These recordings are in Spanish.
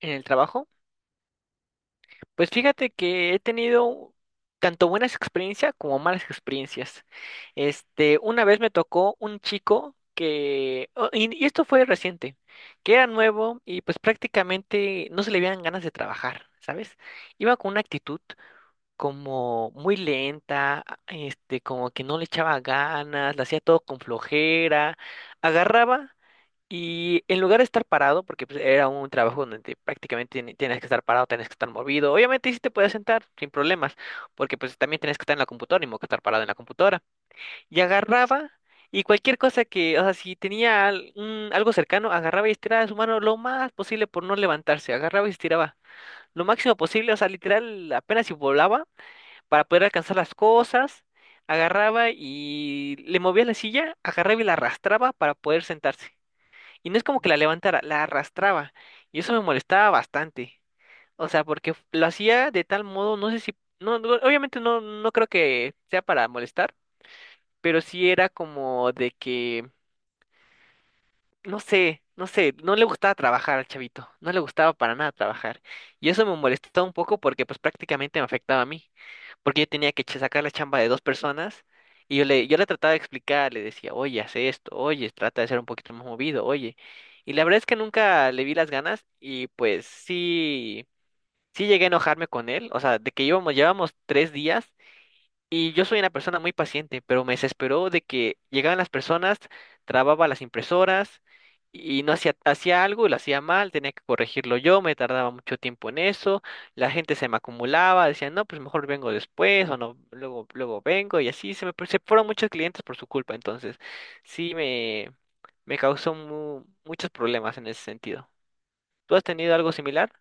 ¿En el trabajo? Pues fíjate que he tenido tanto buenas experiencias como malas experiencias. Una vez me tocó un chico que, oh, y esto fue reciente, que era nuevo y pues prácticamente no se le veían ganas de trabajar, ¿sabes? Iba con una actitud como muy lenta, como que no le echaba ganas, le hacía todo con flojera, agarraba. Y en lugar de estar parado, porque pues, era un trabajo donde prácticamente tienes que estar parado, tienes que estar movido. Obviamente sí te puedes sentar sin problemas, porque pues también tienes que estar en la computadora, ni modo que estar parado en la computadora. Y agarraba y cualquier cosa que, o sea, si tenía algo cercano, agarraba y estiraba su mano lo más posible por no levantarse. Agarraba y estiraba lo máximo posible, o sea, literal apenas si volaba para poder alcanzar las cosas. Agarraba y le movía la silla, agarraba y la arrastraba para poder sentarse. Y no es como que la levantara, la arrastraba. Y eso me molestaba bastante. O sea, porque lo hacía de tal modo, no sé si, no, no, obviamente no, no creo que sea para molestar, pero sí era como de que, no sé, no sé, no le gustaba trabajar al chavito, no le gustaba para nada trabajar. Y eso me molestaba un poco porque pues prácticamente me afectaba a mí porque yo tenía que sacar la chamba de dos personas y yo le trataba de explicar, le decía, oye, haz esto, oye, trata de ser un poquito más movido, oye. Y la verdad es que nunca le vi las ganas y pues sí, sí llegué a enojarme con él, o sea, de que íbamos, llevamos 3 días y yo soy una persona muy paciente, pero me desesperó de que llegaban las personas, trababa las impresoras y no hacía, hacía algo y lo hacía mal, tenía que corregirlo yo, me tardaba mucho tiempo en eso, la gente se me acumulaba, decían, no, pues mejor vengo después o no, luego, luego vengo y así se fueron muchos clientes por su culpa, entonces sí me, me causó muchos problemas en ese sentido. ¿Tú has tenido algo similar?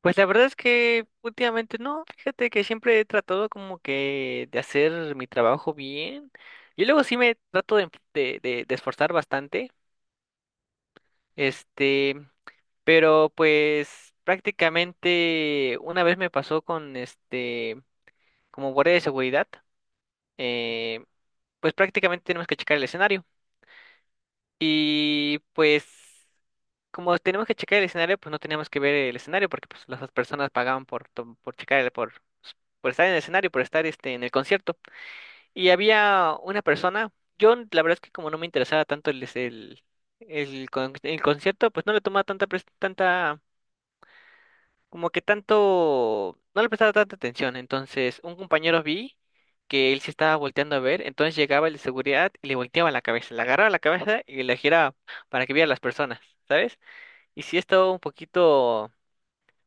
Pues la verdad es que últimamente no, fíjate que siempre he tratado como que de hacer mi trabajo bien. Y luego sí me trato de, de esforzar bastante, este, pero pues prácticamente una vez me pasó con este, como guardia de seguridad, eh, pues prácticamente tenemos que checar el escenario. Y pues, como tenemos que checar el escenario, pues no teníamos que ver el escenario porque pues las personas pagaban por, por checar, por estar en el escenario, por estar este, en el concierto. Y había una persona, yo la verdad es que como no me interesaba tanto el, es- el, con- el concierto, pues no le tomaba tanta no le prestaba tanta atención. Entonces, un compañero vi que él se estaba volteando a ver, entonces llegaba el de seguridad y le volteaba la cabeza, le agarraba la cabeza y le giraba para que viera las personas, ¿sabes? Y sí estaba un poquito,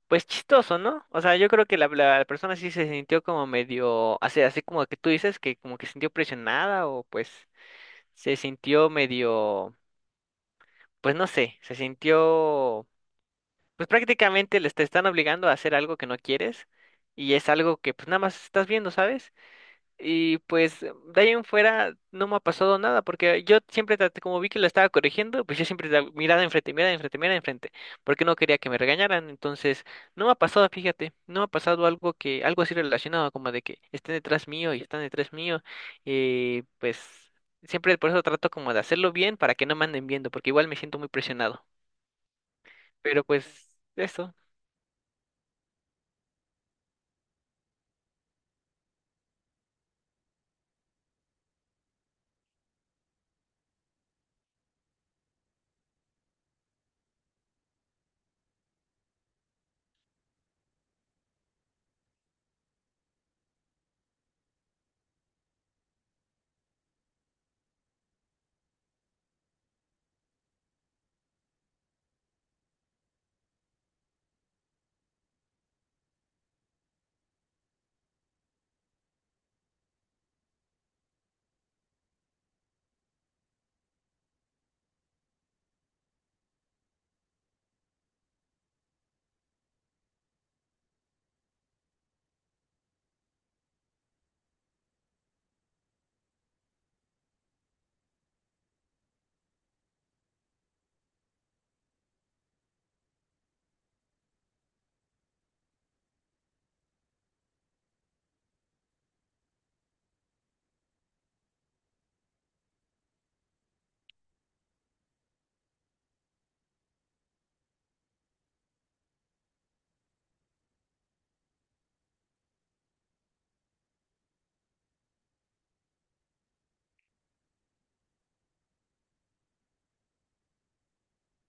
pues chistoso, ¿no? O sea, yo creo que la persona sí se sintió como medio, así, así como que tú dices, que como que se sintió presionada o pues se sintió medio, pues no sé, se sintió. Pues prácticamente les te están obligando a hacer algo que no quieres y es algo que pues nada más estás viendo, ¿sabes? Y pues de ahí en fuera no me ha pasado nada porque yo siempre traté, como vi que lo estaba corrigiendo, pues yo siempre mirada enfrente, mirada enfrente, mirada enfrente, porque no quería que me regañaran, entonces no me ha pasado, fíjate, no me ha pasado algo que, algo así relacionado como de que estén detrás mío y están detrás mío y pues siempre por eso trato como de hacerlo bien para que no me anden viendo porque igual me siento muy presionado, pero pues eso.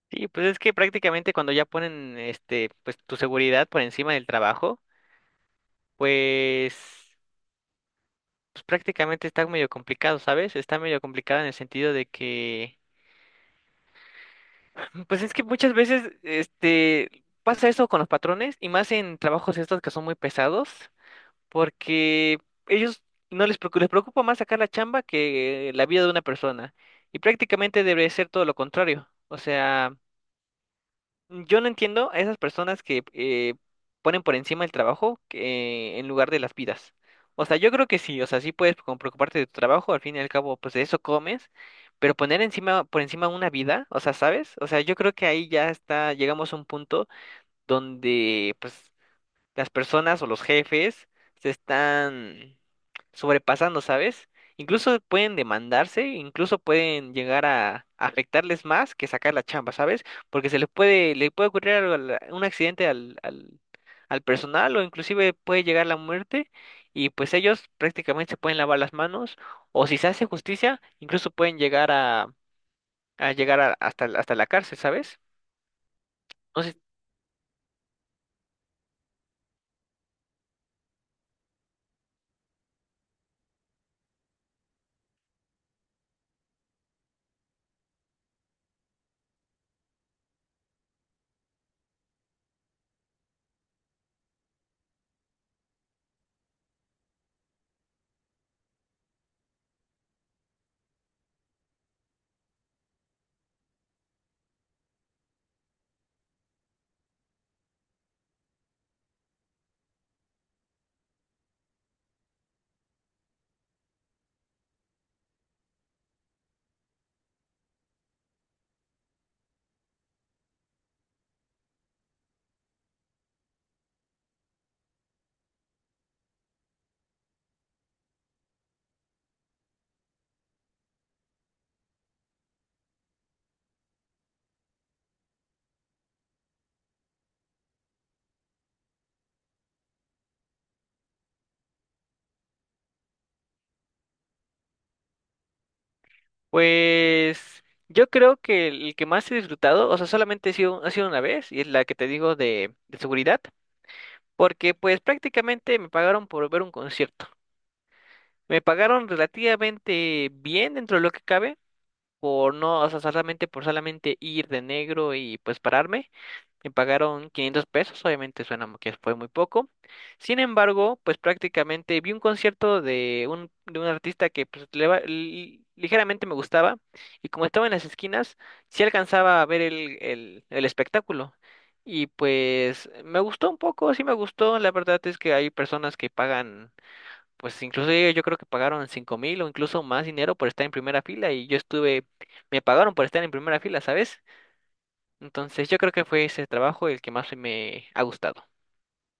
Sí, pues es que prácticamente cuando ya ponen este, pues tu seguridad por encima del trabajo, pues, pues prácticamente está medio complicado, ¿sabes? Está medio complicado en el sentido de que, pues es que muchas veces este pasa eso con los patrones y más en trabajos estos que son muy pesados, porque ellos no les preocupa, les preocupa más sacar la chamba que la vida de una persona. Y prácticamente debe ser todo lo contrario. O sea, yo no entiendo a esas personas que ponen por encima el trabajo en lugar de las vidas. O sea, yo creo que sí, o sea, sí puedes como preocuparte de tu trabajo, al fin y al cabo, pues de eso comes, pero poner encima, por encima una vida, o sea, ¿sabes? O sea, yo creo que ahí ya está, llegamos a un punto donde, pues, las personas o los jefes se están sobrepasando, ¿sabes? Incluso pueden demandarse, incluso pueden llegar a afectarles más que sacar la chamba, ¿sabes? Porque le puede ocurrir algo un accidente al personal o inclusive puede llegar la muerte y pues ellos prácticamente se pueden lavar las manos o si se hace justicia, incluso pueden llegar a llegar hasta la cárcel, ¿sabes? No sé. Pues yo creo que el que más he disfrutado, o sea, solamente ha sido una vez, y es la que te digo de seguridad, porque pues prácticamente me pagaron por ver un concierto. Me pagaron relativamente bien dentro de lo que cabe, por no, o sea, solamente por solamente ir de negro y pues pararme. Me pagaron 500 pesos, obviamente suena que fue muy poco. Sin embargo, pues prácticamente vi un concierto de de un artista que pues, ligeramente me gustaba y como estaba en las esquinas, sí alcanzaba a ver el espectáculo. Y pues me gustó un poco, sí me gustó. La verdad es que hay personas que pagan, pues incluso yo creo que pagaron 5000 o incluso más dinero por estar en primera fila y yo estuve, me pagaron por estar en primera fila, ¿sabes? Entonces yo creo que fue ese trabajo el que más me ha gustado.